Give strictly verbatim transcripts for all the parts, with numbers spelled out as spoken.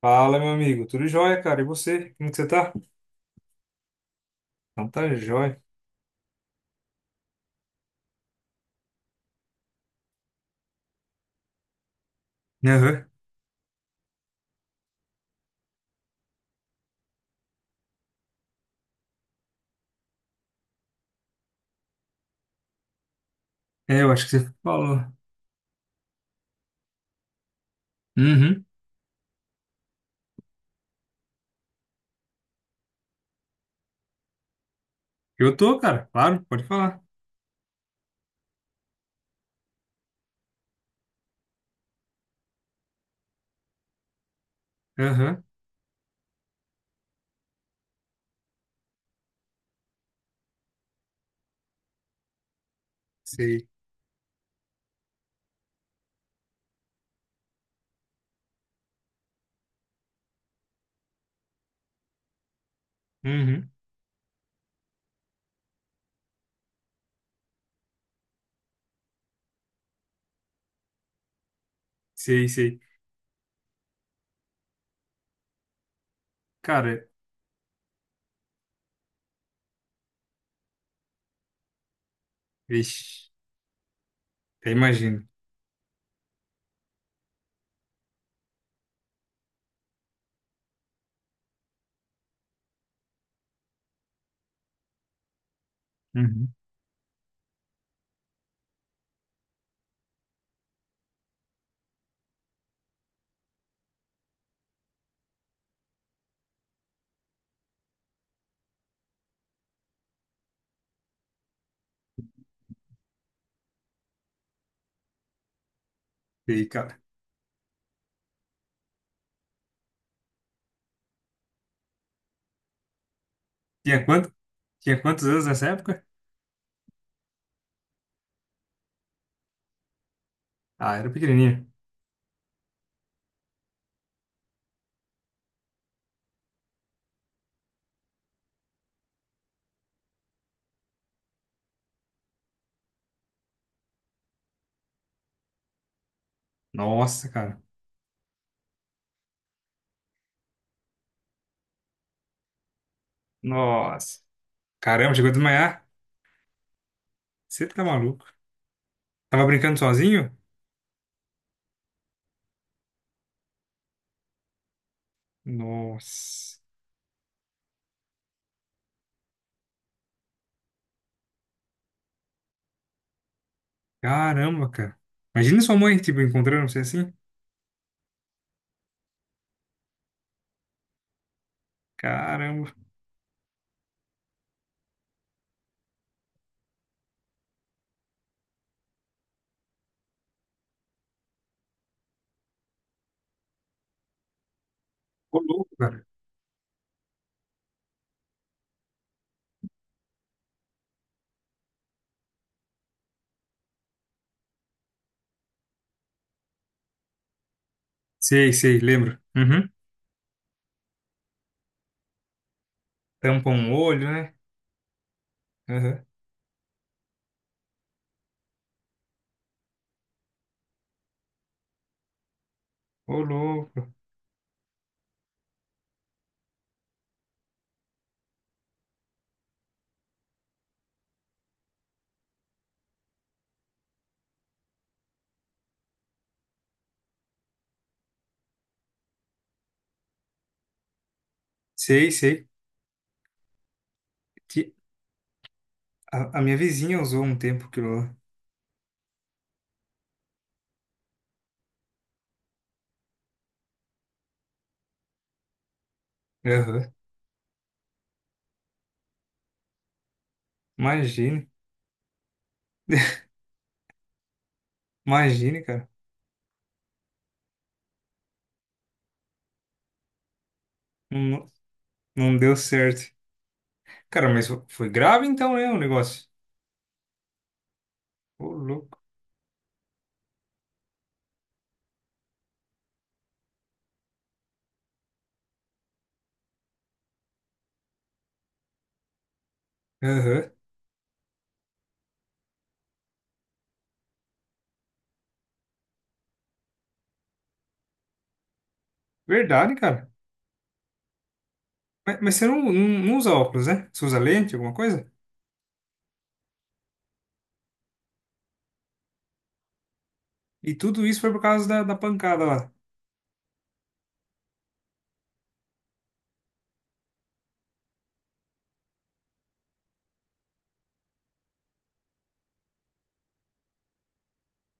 Fala, meu amigo. Tudo jóia, cara? E você? Como que você tá? Então tá jóia. Aham. É, eu acho que você falou. Uhum. Eu tô, cara. Claro, pode falar. Aham. Sei. Uhum. Sei, sei. Cara, vixe. Eu imagino. Uhum. Sei, cara. Tinha quanto? Tinha quantos anos nessa época? Ah, era pequenininha. Nossa, cara. Nossa. Caramba, chegou a desmaiar. Você tá maluco. Tava brincando sozinho? Nossa. Caramba, cara. Imagina sua mãe, tipo, encontrando você assim. Caramba. Ô, louco, cara. Sei, sei, lembro. Uhum. Tampa um olho, né? Uhum. Ô, louco. Sei, sei. Que a, a minha vizinha usou um tempo aquilo lá. Uhum. Imagine. Imagine, cara. Não, não deu certo. Cara, mas foi grave então, né, o negócio? Ô, louco. Uhum. Verdade, cara. Mas, mas você não, não, não usa óculos, né? Você usa lente, alguma coisa? E tudo isso foi por causa da, da pancada lá.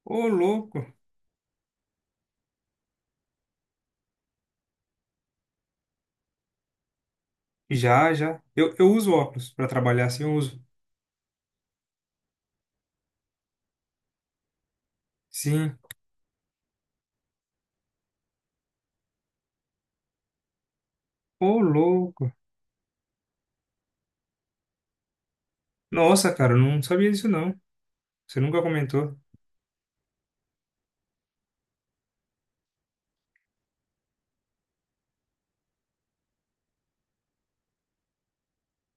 Ô, louco. Já, já. Eu, eu uso óculos pra trabalhar assim, eu uso. Sim. Ô, louco. Nossa, cara, eu não sabia disso não. Você nunca comentou.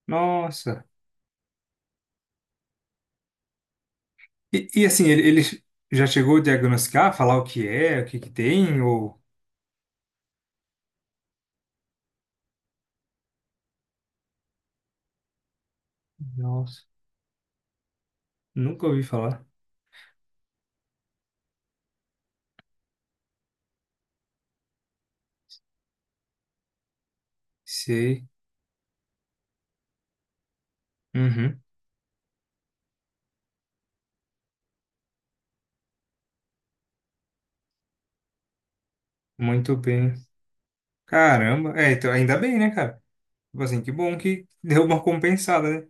Nossa. E, e, assim, ele, ele já chegou a diagnosticar, falar o que é, o que que tem, ou... Nossa, nunca ouvi falar. Sei. Uhum. Muito bem. Caramba. É, então, ainda bem, né, cara? Tipo assim, que bom que deu uma compensada, né?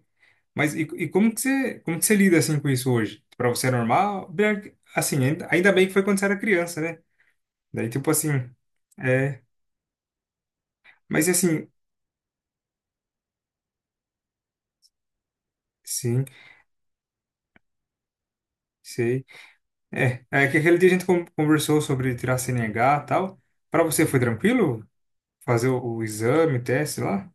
Mas e, e como que você, como que você lida, assim, com isso hoje? Pra você é normal? Bem, que- Assim, ainda ainda bem que foi quando você era criança, né? Daí, tipo assim... É... Mas, assim... Sim. Sei. É, é que aquele dia a gente con- conversou sobre tirar C N H e tal. Pra você foi tranquilo fazer o, o exame, o teste lá?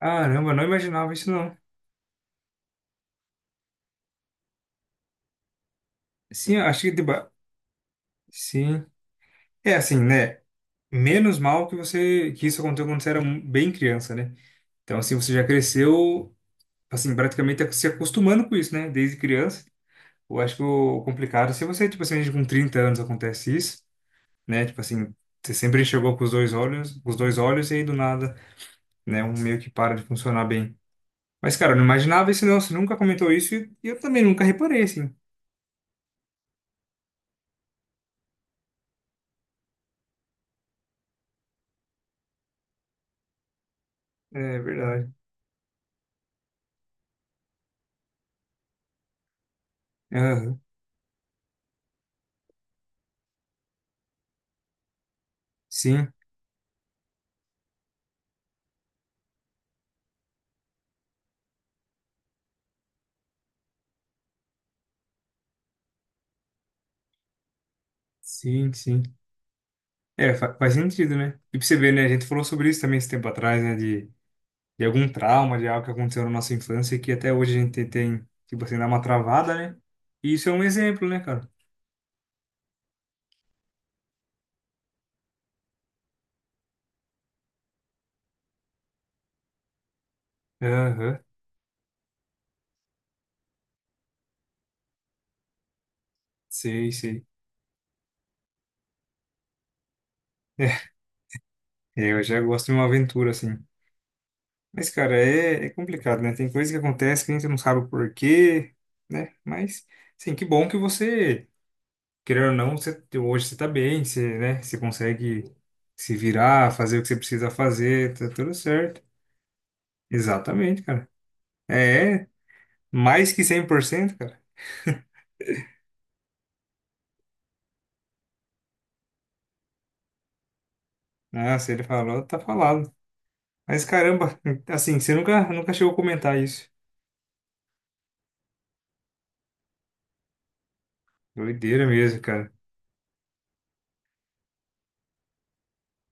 Caramba, não imaginava isso não. Sim, eu acho que deba... Sim. É assim, né? Menos mal que você que isso aconteceu quando você era mu- bem criança, né? Então assim, você já cresceu assim, praticamente tá se acostumando com isso, né? Desde criança. Eu acho que o complicado, é se você, tipo assim, com trinta anos acontece isso, né? Tipo assim, você sempre enxergou com os dois olhos, com os dois olhos e aí do nada né? Um meio que para de funcionar bem. Mas, cara, eu não imaginava isso, não. Você nunca comentou isso e e eu também nunca reparei, assim. É verdade. Aham. Sim, sim, sim. É, fa- faz sentido, né? E pra você ver, né? A gente falou sobre isso também esse tempo atrás, né? De, de algum trauma, de algo que aconteceu na nossa infância e que até hoje a gente tem, tipo assim, dá uma travada, né? E isso é um exemplo, né, cara? Aham. Sei, sei. É, eu já gosto de uma aventura, assim. Mas, cara, é, é complicado, né? Tem coisa que acontece que a gente não sabe o porquê, né? Mas, sim, que bom que você, querendo ou não, você, hoje você tá bem, você, né? Você consegue se virar, fazer o que você precisa fazer, tá tudo certo. Exatamente, cara. É, mais que cem por cento cara. Ah, se ele falou, tá falado. Mas, caramba, assim, você nunca, nunca chegou a comentar isso. Doideira mesmo, cara.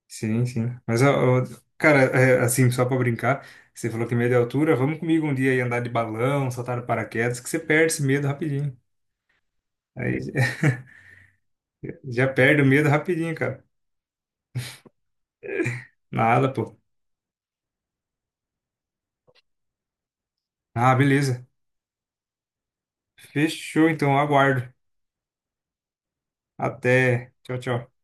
Sim, sim. Mas, ó, ó, cara, é, assim, só pra brincar, você falou que medo é altura, vamos comigo um dia aí andar de balão, saltar no paraquedas, que você perde esse medo rapidinho. Aí já perde o medo rapidinho, cara. Nada, pô. Ah, beleza. Fechou, então, aguardo. Até. Tchau, tchau.